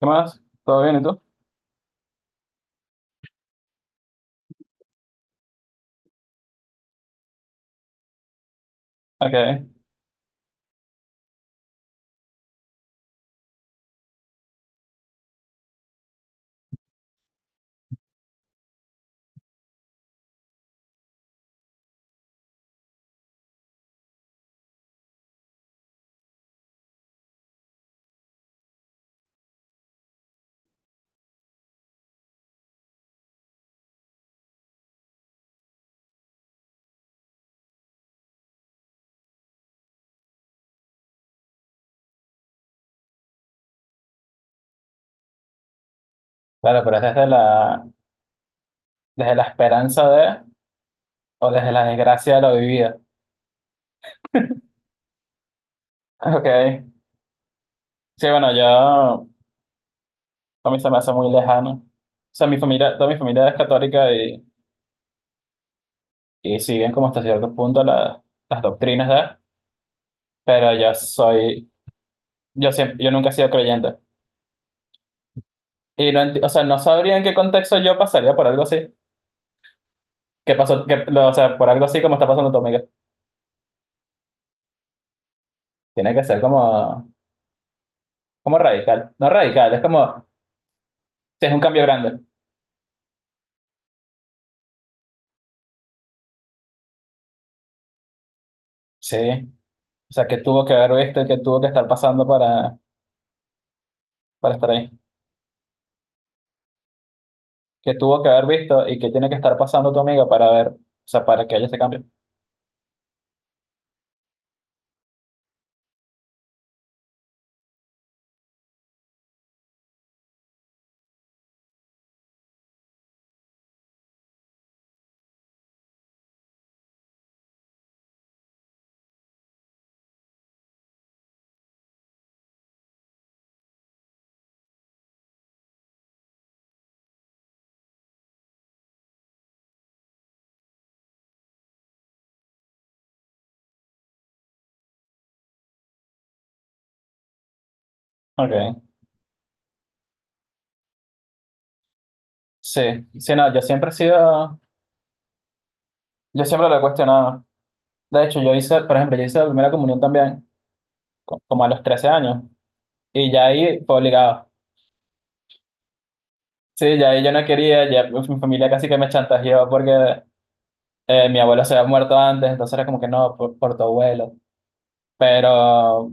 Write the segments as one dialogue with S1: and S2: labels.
S1: ¿Qué más? ¿Todo bien y tú? Ok. Claro, pero es desde desde la esperanza de o desde la desgracia de la vivida. Ok. Sí, bueno, yo a mí se me hace muy lejano. O sea, mi familia, toda mi familia es católica y siguen como hasta cierto punto las doctrinas de, pero yo soy, yo siempre, yo nunca he sido creyente. Y no o sea, no sabría en qué contexto yo pasaría por algo así. ¿Qué pasó? Que o sea, por algo así como está pasando tu amiga. Tiene que ser como, como radical. No radical, es como, si es un cambio grande. Sí, o sea, ¿que tuvo que haber visto y que tuvo que estar pasando para estar ahí? ¿Que tuvo que haber visto y que tiene que estar pasando tu amiga para ver, o sea, para que haya ese cambio? Ok, sí, sí, no, yo siempre he sido, yo siempre lo he cuestionado. De hecho, yo hice, por ejemplo, yo hice la primera comunión también, como a los 13 años, y ya ahí fue obligado. Sí, ya ahí yo no quería, ya mi familia casi que me chantajeó porque mi abuelo se había muerto antes, entonces era como que no, por tu abuelo. Pero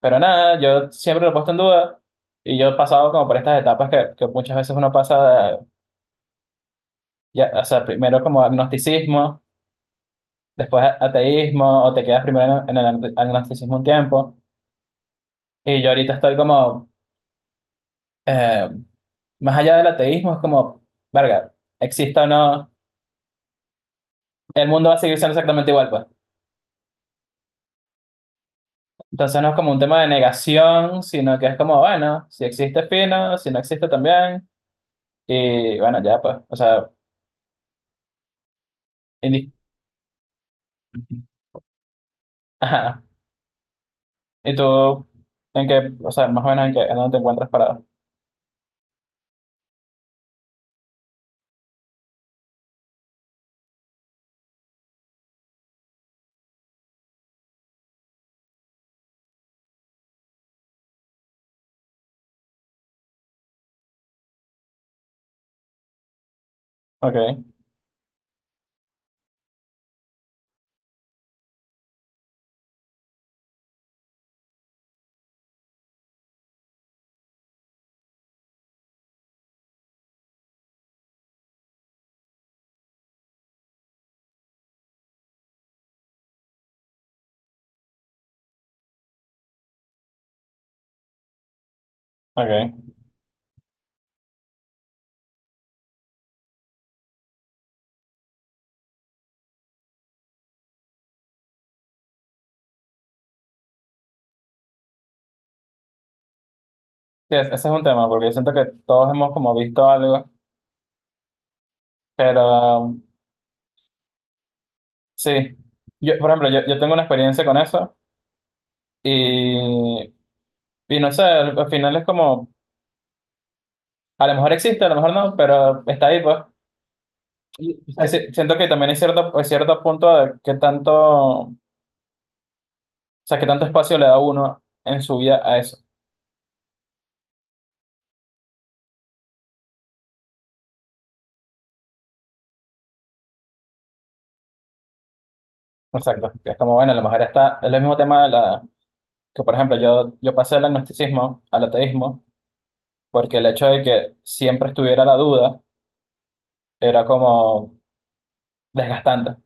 S1: Pero nada, yo siempre lo he puesto en duda y yo he pasado como por estas etapas que muchas veces uno pasa, ya, o sea, primero como agnosticismo, después ateísmo, o te quedas primero en el agnosticismo un tiempo. Y yo ahorita estoy como, eh, más allá del ateísmo, es como, verga, exista o no, el mundo va a seguir siendo exactamente igual, pues. Entonces no es como un tema de negación, sino que es como, bueno, si existe fino, si no existe también, y bueno, ya, pues, o sea, indi- Ajá. ¿Y tú en qué, o sea, más o menos en qué, en dónde te encuentras parado? Ok, ok. Sí, ese es un tema, porque siento que todos hemos como visto algo, pero sí. Yo, por ejemplo, yo tengo una experiencia con eso y, y no sé, al final es como, a lo mejor existe, a lo mejor no, pero está ahí, pues. Y, es decir, siento que también hay cierto punto de qué tanto, o sea, qué tanto espacio le da uno en su vida a eso. Exacto. Es como, bueno, a lo mejor está, es el mismo tema que por ejemplo yo pasé del agnosticismo al ateísmo porque el hecho de que siempre estuviera la duda era como desgastante.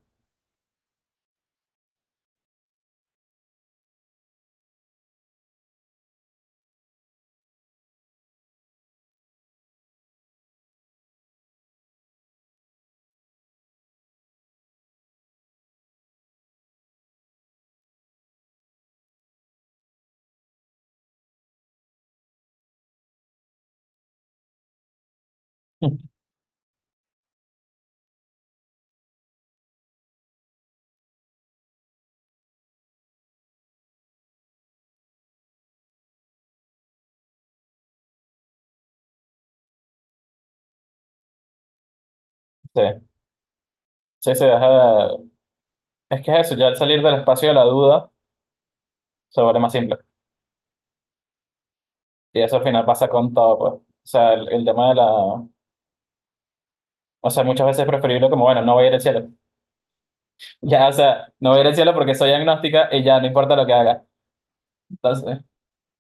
S1: Sí, sí, sí, es que es eso, ya al salir del espacio de la duda se vuelve más simple. Y eso al final pasa con todo, pues. O sea, el tema de la... O sea, muchas veces es preferible como, bueno, no voy a ir al cielo. Ya, o sea, no voy a ir al cielo porque soy agnóstica y ya no importa lo que haga. Entonces,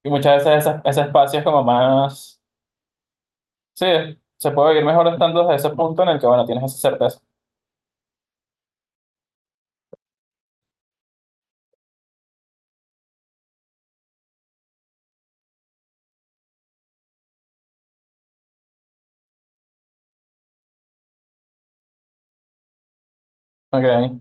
S1: y muchas veces ese espacio es como más... Sí, se puede vivir mejor estando desde ese punto en el que, bueno, tienes esa certeza. Ok.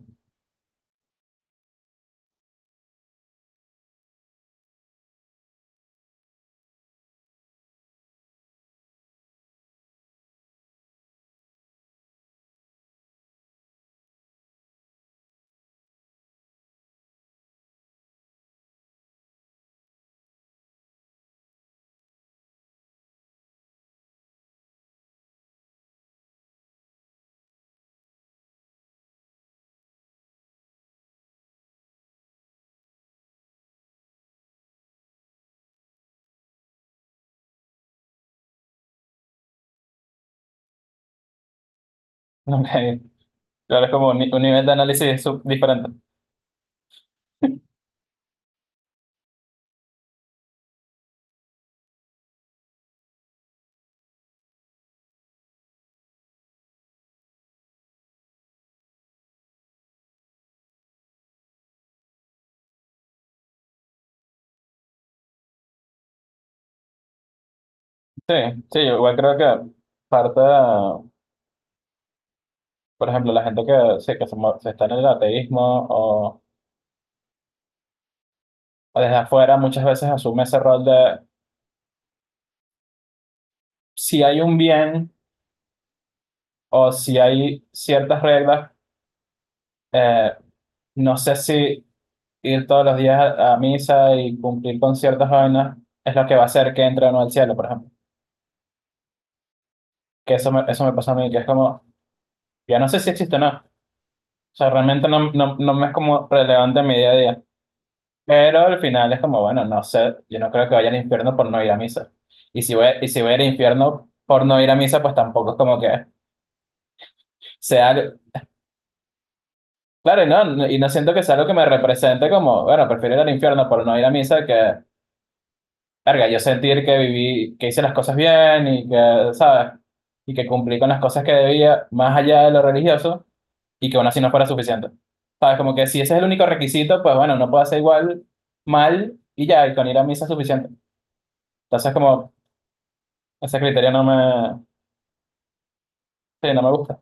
S1: Ok, claro, es como un nivel de análisis diferente. Sí, sí, yo igual creo que parta, por ejemplo, la gente que, sí, se está en el ateísmo o, o desde afuera muchas veces asume ese rol de si hay un bien o si hay ciertas reglas, eh, no sé si ir todos los días a misa y cumplir con ciertas vainas es lo que va a hacer que entre o no al cielo, por ejemplo. Eso me pasó a mí, que es como, ya no sé si existe o no. O sea, realmente no, no, no me es como relevante en mi día a día. Pero al final es como, bueno, no sé, yo no creo que vaya al infierno por no ir a misa. Y si voy al infierno por no ir a misa, pues tampoco es como que sea... algo- claro, y no, y no siento que sea algo que me represente como, bueno, prefiero ir al infierno por no ir a misa que, verga, yo sentir que viví, que hice las cosas bien y que, ¿sabes? Y que cumplí con las cosas que debía, más allá de lo religioso, y que aún así no fuera suficiente. ¿Sabes? Como que si ese es el único requisito, pues bueno, no puedo hacer igual mal y ya, y con ir a misa es suficiente. Entonces, como ese criterio no me, sí, no me gusta.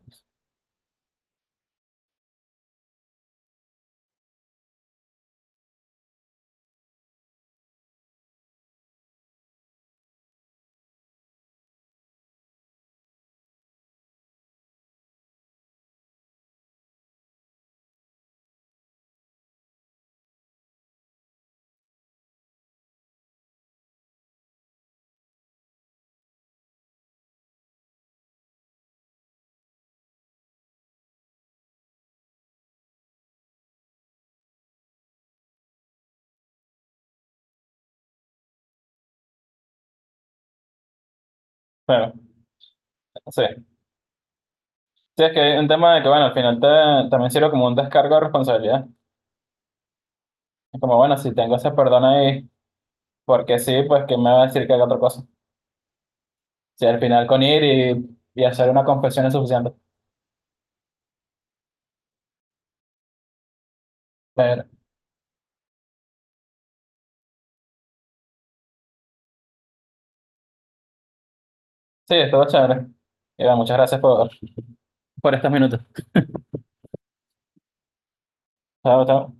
S1: Pero, sí. Sí, es que hay un tema de que, bueno, al final también sirve como un descargo de responsabilidad. Es como, bueno, si tengo ese perdón ahí, porque sí, pues que me va a decir que haga otra cosa. Si al final con ir y hacer una confesión es suficiente. Pero, sí, estuvo chévere. Y bueno, muchas gracias por estos minutos. Chao, chao.